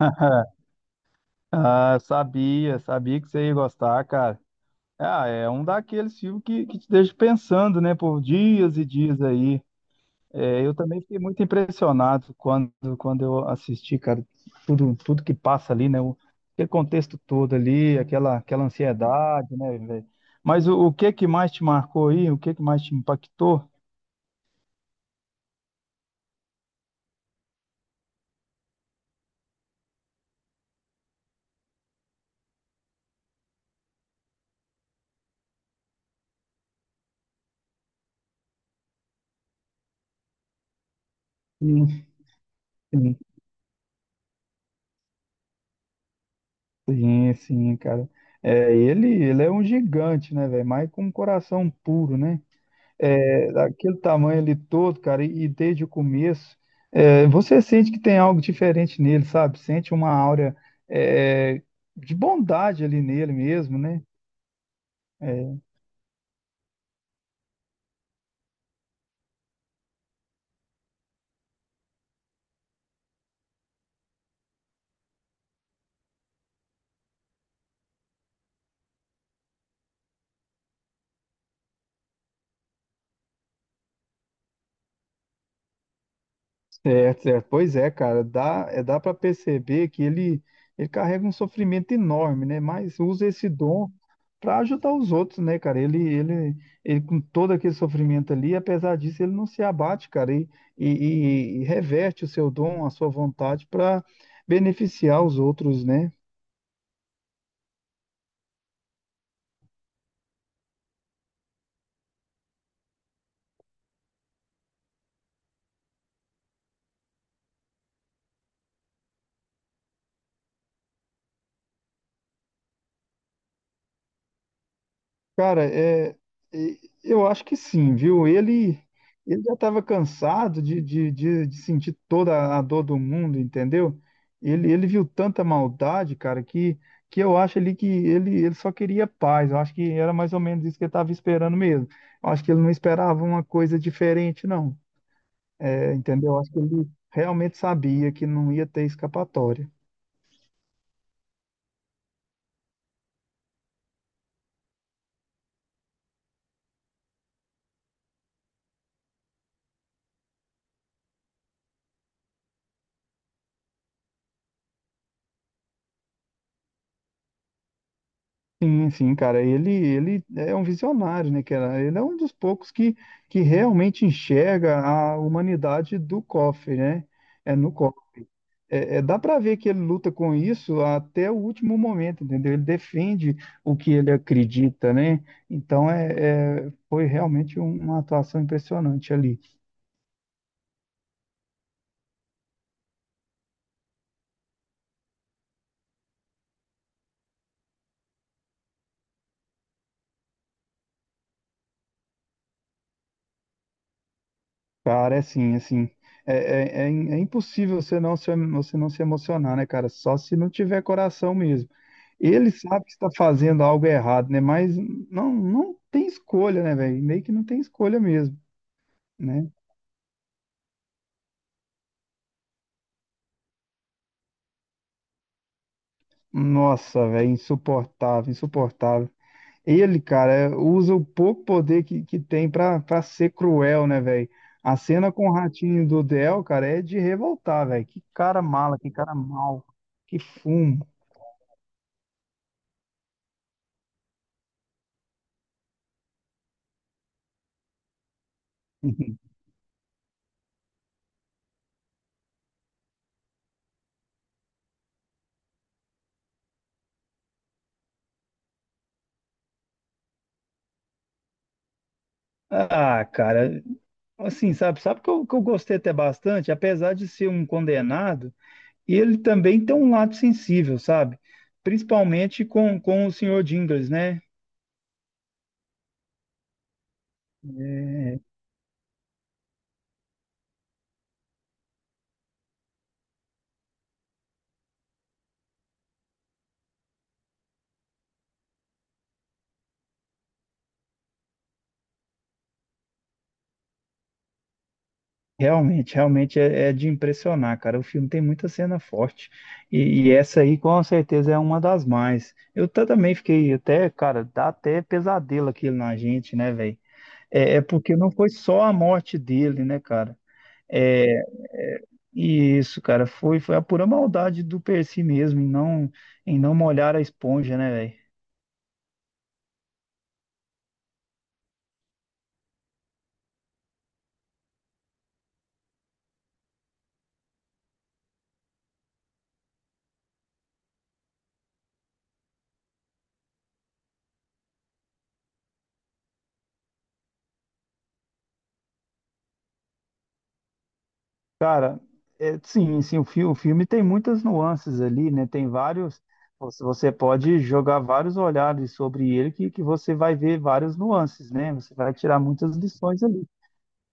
Ah, sabia que você ia gostar, cara. Ah, é um daqueles filmes que te deixa pensando, né, por dias e dias aí. É, eu também fiquei muito impressionado quando eu assisti, cara, tudo que passa ali, né, aquele contexto todo ali, aquela ansiedade, né, velho. Mas o que que mais te marcou aí? O que que mais te impactou? Sim, sim, sim, sim, cara. É, ele é um gigante, né, velho, mas com um coração puro, né? É, daquele tamanho ali todo, cara, e desde o começo, você sente que tem algo diferente nele, sabe? Sente uma áurea, é, de bondade ali nele mesmo, né? É, certo, certo. Pois é, cara, dá para perceber que ele carrega um sofrimento enorme, né? Mas usa esse dom para ajudar os outros, né, cara? Ele, com todo aquele sofrimento ali, apesar disso, ele não se abate, cara, e, e reverte o seu dom, a sua vontade para beneficiar os outros, né? Cara, eu acho que sim, viu? Ele já estava cansado de sentir toda a dor do mundo, entendeu? Ele viu tanta maldade, cara, que eu acho ali que ele só queria paz. Eu acho que era mais ou menos isso que ele estava esperando mesmo. Eu acho que ele não esperava uma coisa diferente, não. É, entendeu? Eu acho que ele realmente sabia que não ia ter escapatória. Sim, sim, cara, ele é um visionário, né, cara? Ele é um dos poucos que realmente enxerga a humanidade do cofre, né? É no cofre. Dá para ver que ele luta com isso até o último momento, entendeu? Ele defende o que ele acredita, né? Então foi realmente uma atuação impressionante ali. Cara, é assim, assim, é impossível você não se emocionar, né, cara? Só se não tiver coração mesmo. Ele sabe que está fazendo algo errado, né? Mas não, não tem escolha, né, velho? Meio que não tem escolha mesmo, né? Nossa, velho, insuportável, insuportável. Ele, cara, usa o pouco poder que tem pra ser cruel, né, velho? A cena com o ratinho do Del, cara, é de revoltar, velho. Que cara mala, que cara mal, que fumo. Ah, cara, assim, sabe que eu gostei até bastante, apesar de ser um condenado. E ele também tem um lado sensível, sabe? Principalmente com o senhor Jingles, né? É, realmente, realmente é de impressionar, cara. O filme tem muita cena forte. E essa aí, com certeza, é uma das mais. Eu também fiquei até, cara, dá até pesadelo aquilo na gente, né, velho? É porque não foi só a morte dele, né, cara? É, é, isso, cara, foi a pura maldade do Percy mesmo em não molhar a esponja, né, velho? Cara, é, sim, sim, o filme tem muitas nuances ali, né? Tem vários. Você pode jogar vários olhares sobre ele que você vai ver várias nuances, né? Você vai tirar muitas lições ali.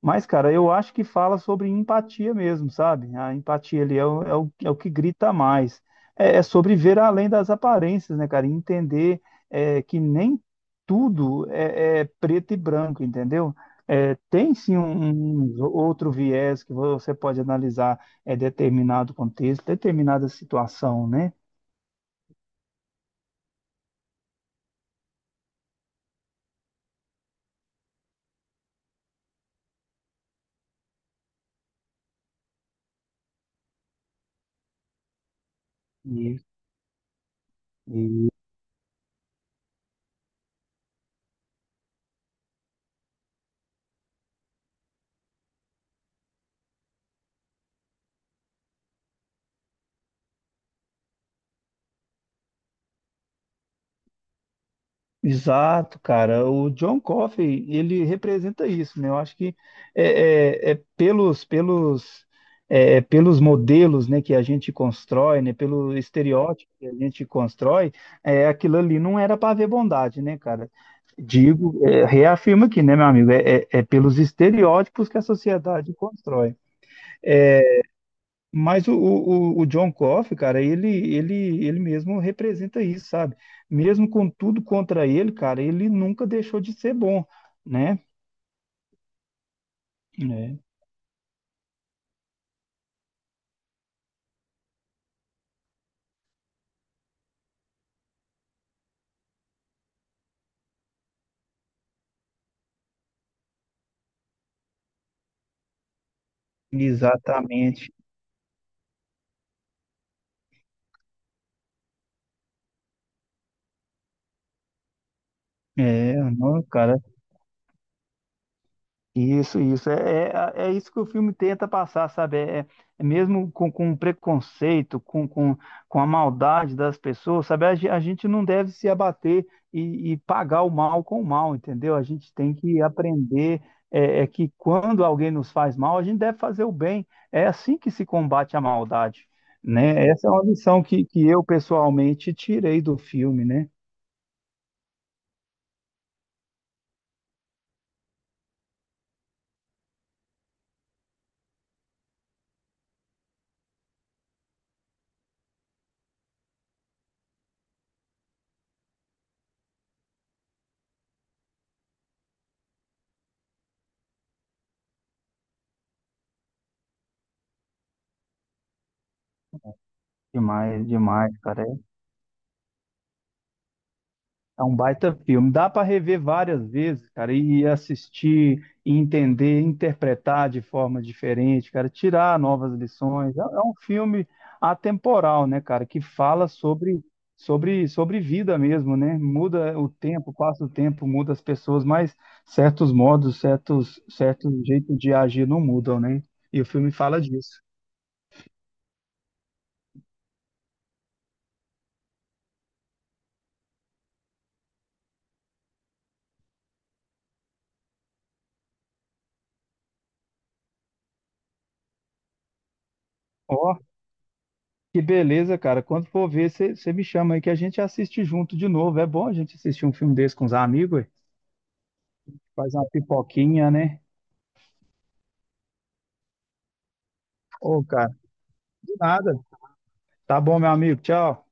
Mas, cara, eu acho que fala sobre empatia mesmo, sabe? A empatia ali é o que grita mais. É, é sobre ver além das aparências, né, cara? E entender que nem tudo é preto e branco, entendeu? É, tem sim um outro viés que você pode analisar, determinado contexto, determinada situação, né? Isso. Exato, cara. O John Coffey, ele representa isso, né? Eu acho que é, é- é pelos, pelos, é pelos modelos, né, que a gente constrói, né, pelo estereótipo que a gente constrói, é, aquilo ali não era para ver bondade, né, cara? Digo, reafirmo aqui, né, meu amigo? É pelos estereótipos que a sociedade constrói. É, mas o John Coffey, cara, ele mesmo representa isso, sabe? Mesmo com tudo contra ele, cara, ele nunca deixou de ser bom, né? É, exatamente. É, não, cara, isso, isso. É isso que o filme tenta passar, sabe? É mesmo com o preconceito, com a maldade das pessoas, sabe? A gente não deve se abater e pagar o mal com o mal, entendeu? A gente tem que aprender que quando alguém nos faz mal, a gente deve fazer o bem. É assim que se combate a maldade, né? Essa é uma lição que eu pessoalmente tirei do filme, né? Demais, demais, cara. É um baita filme. Dá para rever várias vezes, cara, e assistir, e entender, interpretar de forma diferente, cara, tirar novas lições. É um filme atemporal, né, cara, que fala sobre vida mesmo, né? Muda o tempo, passa o tempo, muda as pessoas, mas certos modos, certos jeitos de agir não mudam, né? E o filme fala disso. Ó, que beleza, cara. Quando for ver, você me chama aí que a gente assiste junto de novo. É bom a gente assistir um filme desse com os amigos, ué. Faz uma pipoquinha, né? Ô, cara, de nada. Tá bom, meu amigo. Tchau.